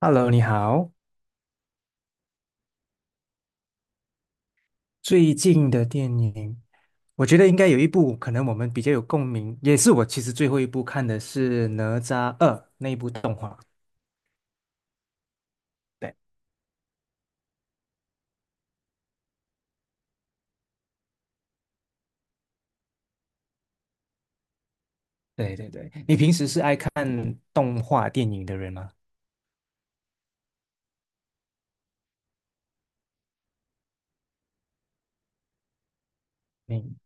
Hello,你好。最近的电影，我觉得应该有一部可能我们比较有共鸣，也是我其实最后一部看的是《哪吒二》那一部动画。对对对对，你平时是爱看动画电影的人吗？你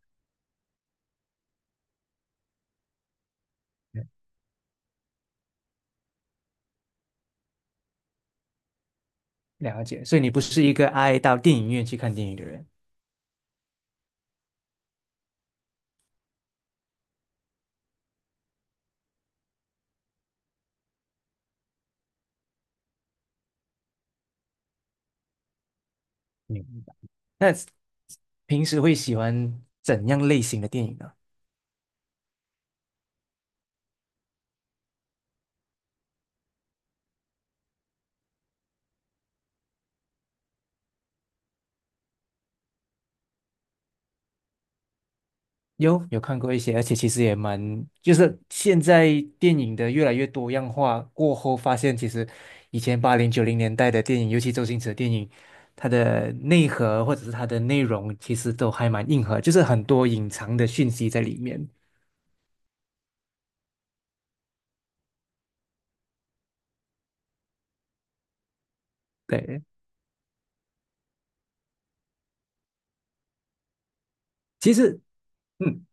嗯了解，所以你不是一个爱到电影院去看电影的人。明白。那平时会喜欢怎样类型的电影呢？有有看过一些，而且其实也蛮，就是现在电影的越来越多样化过后，发现其实以前八零九零年代的电影，尤其周星驰的电影，它的内核或者是它的内容，其实都还蛮硬核，就是很多隐藏的讯息在里面。对，其实嗯，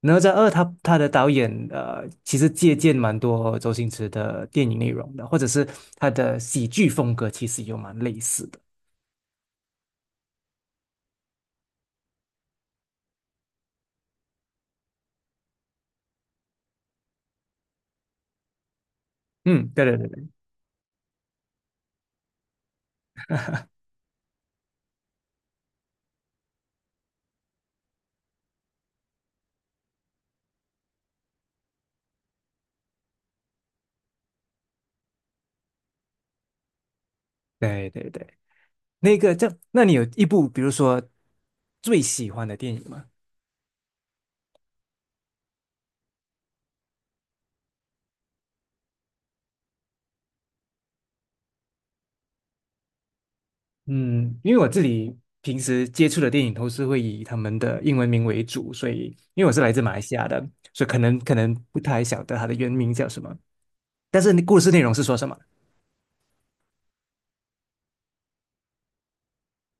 哪吒二他的导演其实借鉴蛮多周星驰的电影内容的，或者是他的喜剧风格，其实有蛮类似的。嗯，对对对对对对对。那个叫，那你有一部比如说最喜欢的电影吗？嗯，因为我自己平时接触的电影都是会以他们的英文名为主，所以因为我是来自马来西亚的，所以可能不太晓得它的原名叫什么，但是故事内容是说什么？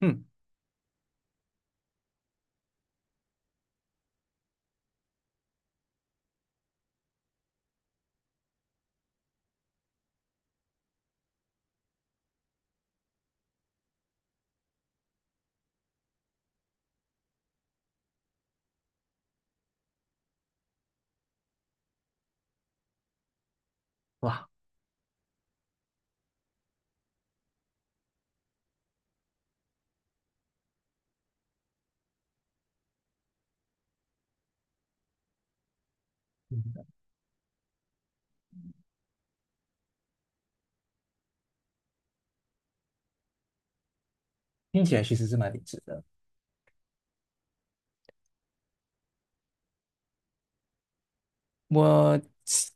嗯，哇，嗯听起来其实是蛮励志的。我现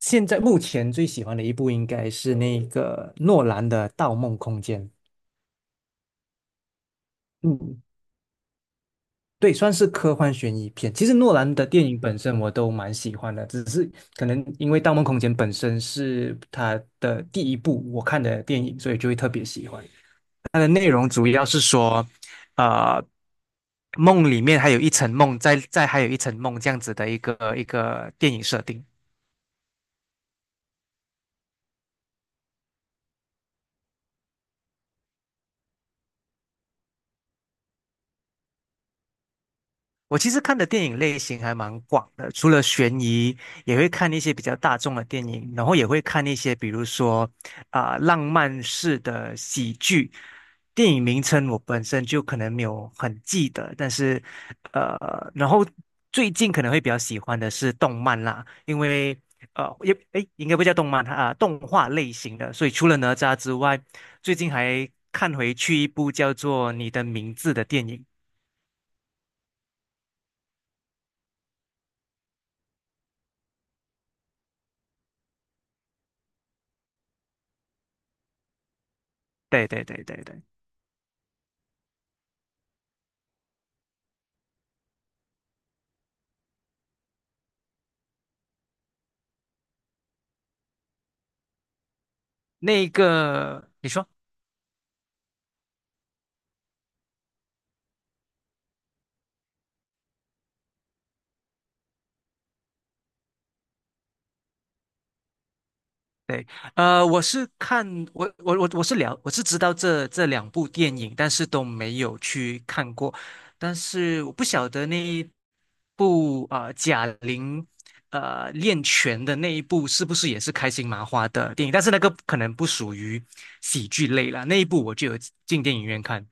现在目前最喜欢的一部应该是那个诺兰的《盗梦空间》。嗯，对，算是科幻悬疑片。其实诺兰的电影本身我都蛮喜欢的，只是可能因为《盗梦空间》本身是他的第一部我看的电影，所以就会特别喜欢。它的内容主要是说，呃，梦里面还有一层梦，在还有一层梦这样子的一个电影设定。我其实看的电影类型还蛮广的，除了悬疑，也会看一些比较大众的电影，然后也会看一些比如说啊、浪漫式的喜剧。电影名称我本身就可能没有很记得，但是然后最近可能会比较喜欢的是动漫啦，因为也诶应该不叫动漫啊、动画类型的，所以除了哪吒之外，最近还看回去一部叫做《你的名字》的电影。对对对对对。那个，你说，对，我是看我是了，我是知道这两部电影，但是都没有去看过，但是我不晓得那一部贾玲练拳的那一部是不是也是开心麻花的电影，但是那个可能不属于喜剧类啦，那一部我就有进电影院看，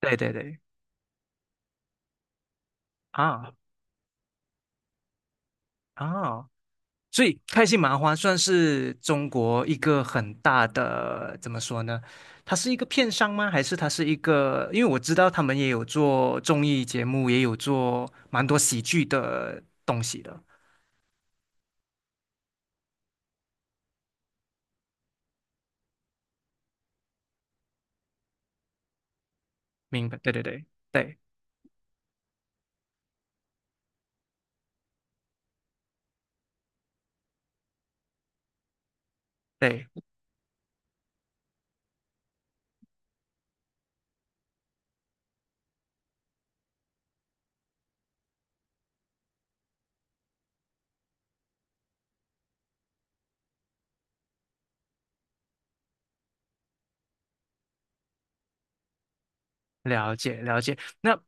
对对对，啊啊。所以开心麻花算是中国一个很大的，怎么说呢？它是一个片商吗？还是它是一个？因为我知道他们也有做综艺节目，也有做蛮多喜剧的东西的。明白，对对对对对。了解了解，那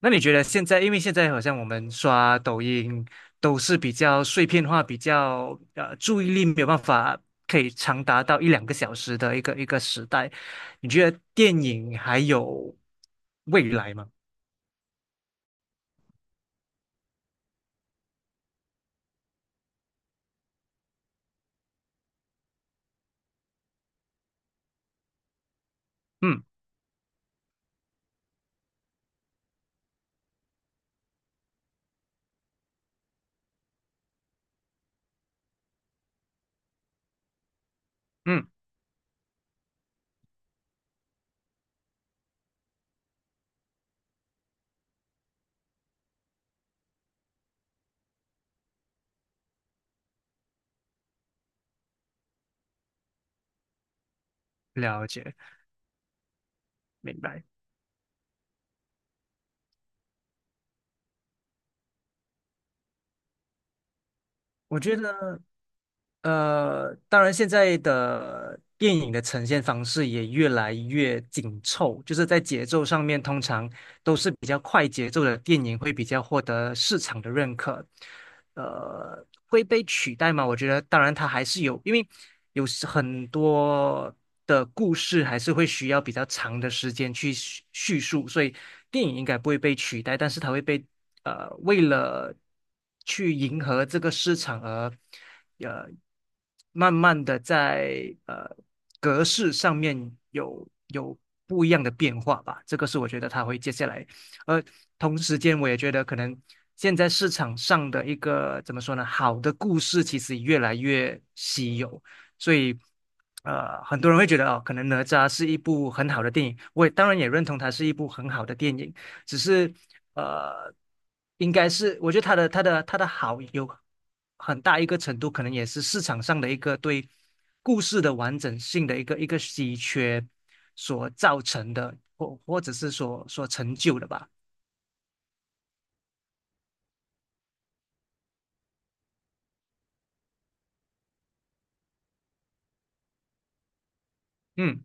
那你觉得现在，因为现在好像我们刷抖音都是比较碎片化，比较注意力没有办法可以长达到一两个小时的一个时代，你觉得电影还有未来吗？嗯嗯，了解，明白。我觉得。当然，现在的电影的呈现方式也越来越紧凑，就是在节奏上面，通常都是比较快节奏的电影会比较获得市场的认可。会被取代吗？我觉得，当然它还是有，因为有时很多的故事还是会需要比较长的时间去叙述，所以电影应该不会被取代，但是它会被为了。去迎合这个市场而，呃，慢慢的在格式上面有不一样的变化吧。这个是我觉得它会接下来，而同时间我也觉得可能现在市场上的一个怎么说呢，好的故事其实越来越稀有，所以。很多人会觉得哦，可能哪吒是一部很好的电影，我也当然也认同它是一部很好的电影，只是呃，应该是我觉得他的好有很大一个程度，可能也是市场上的一个对故事的完整性的一个稀缺所造成的，或者是所所成就的吧。嗯，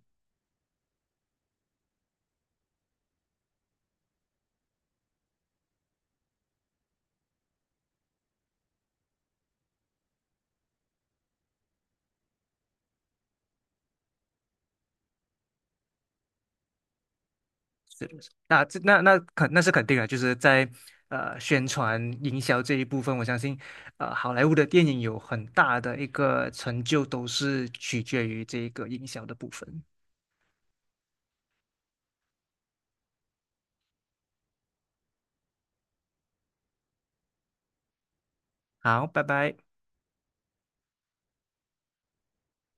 那这那那肯那是肯定的，就是在宣传营销这一部分，我相信好莱坞的电影有很大的一个成就，都是取决于这个营销的部分。好，拜拜。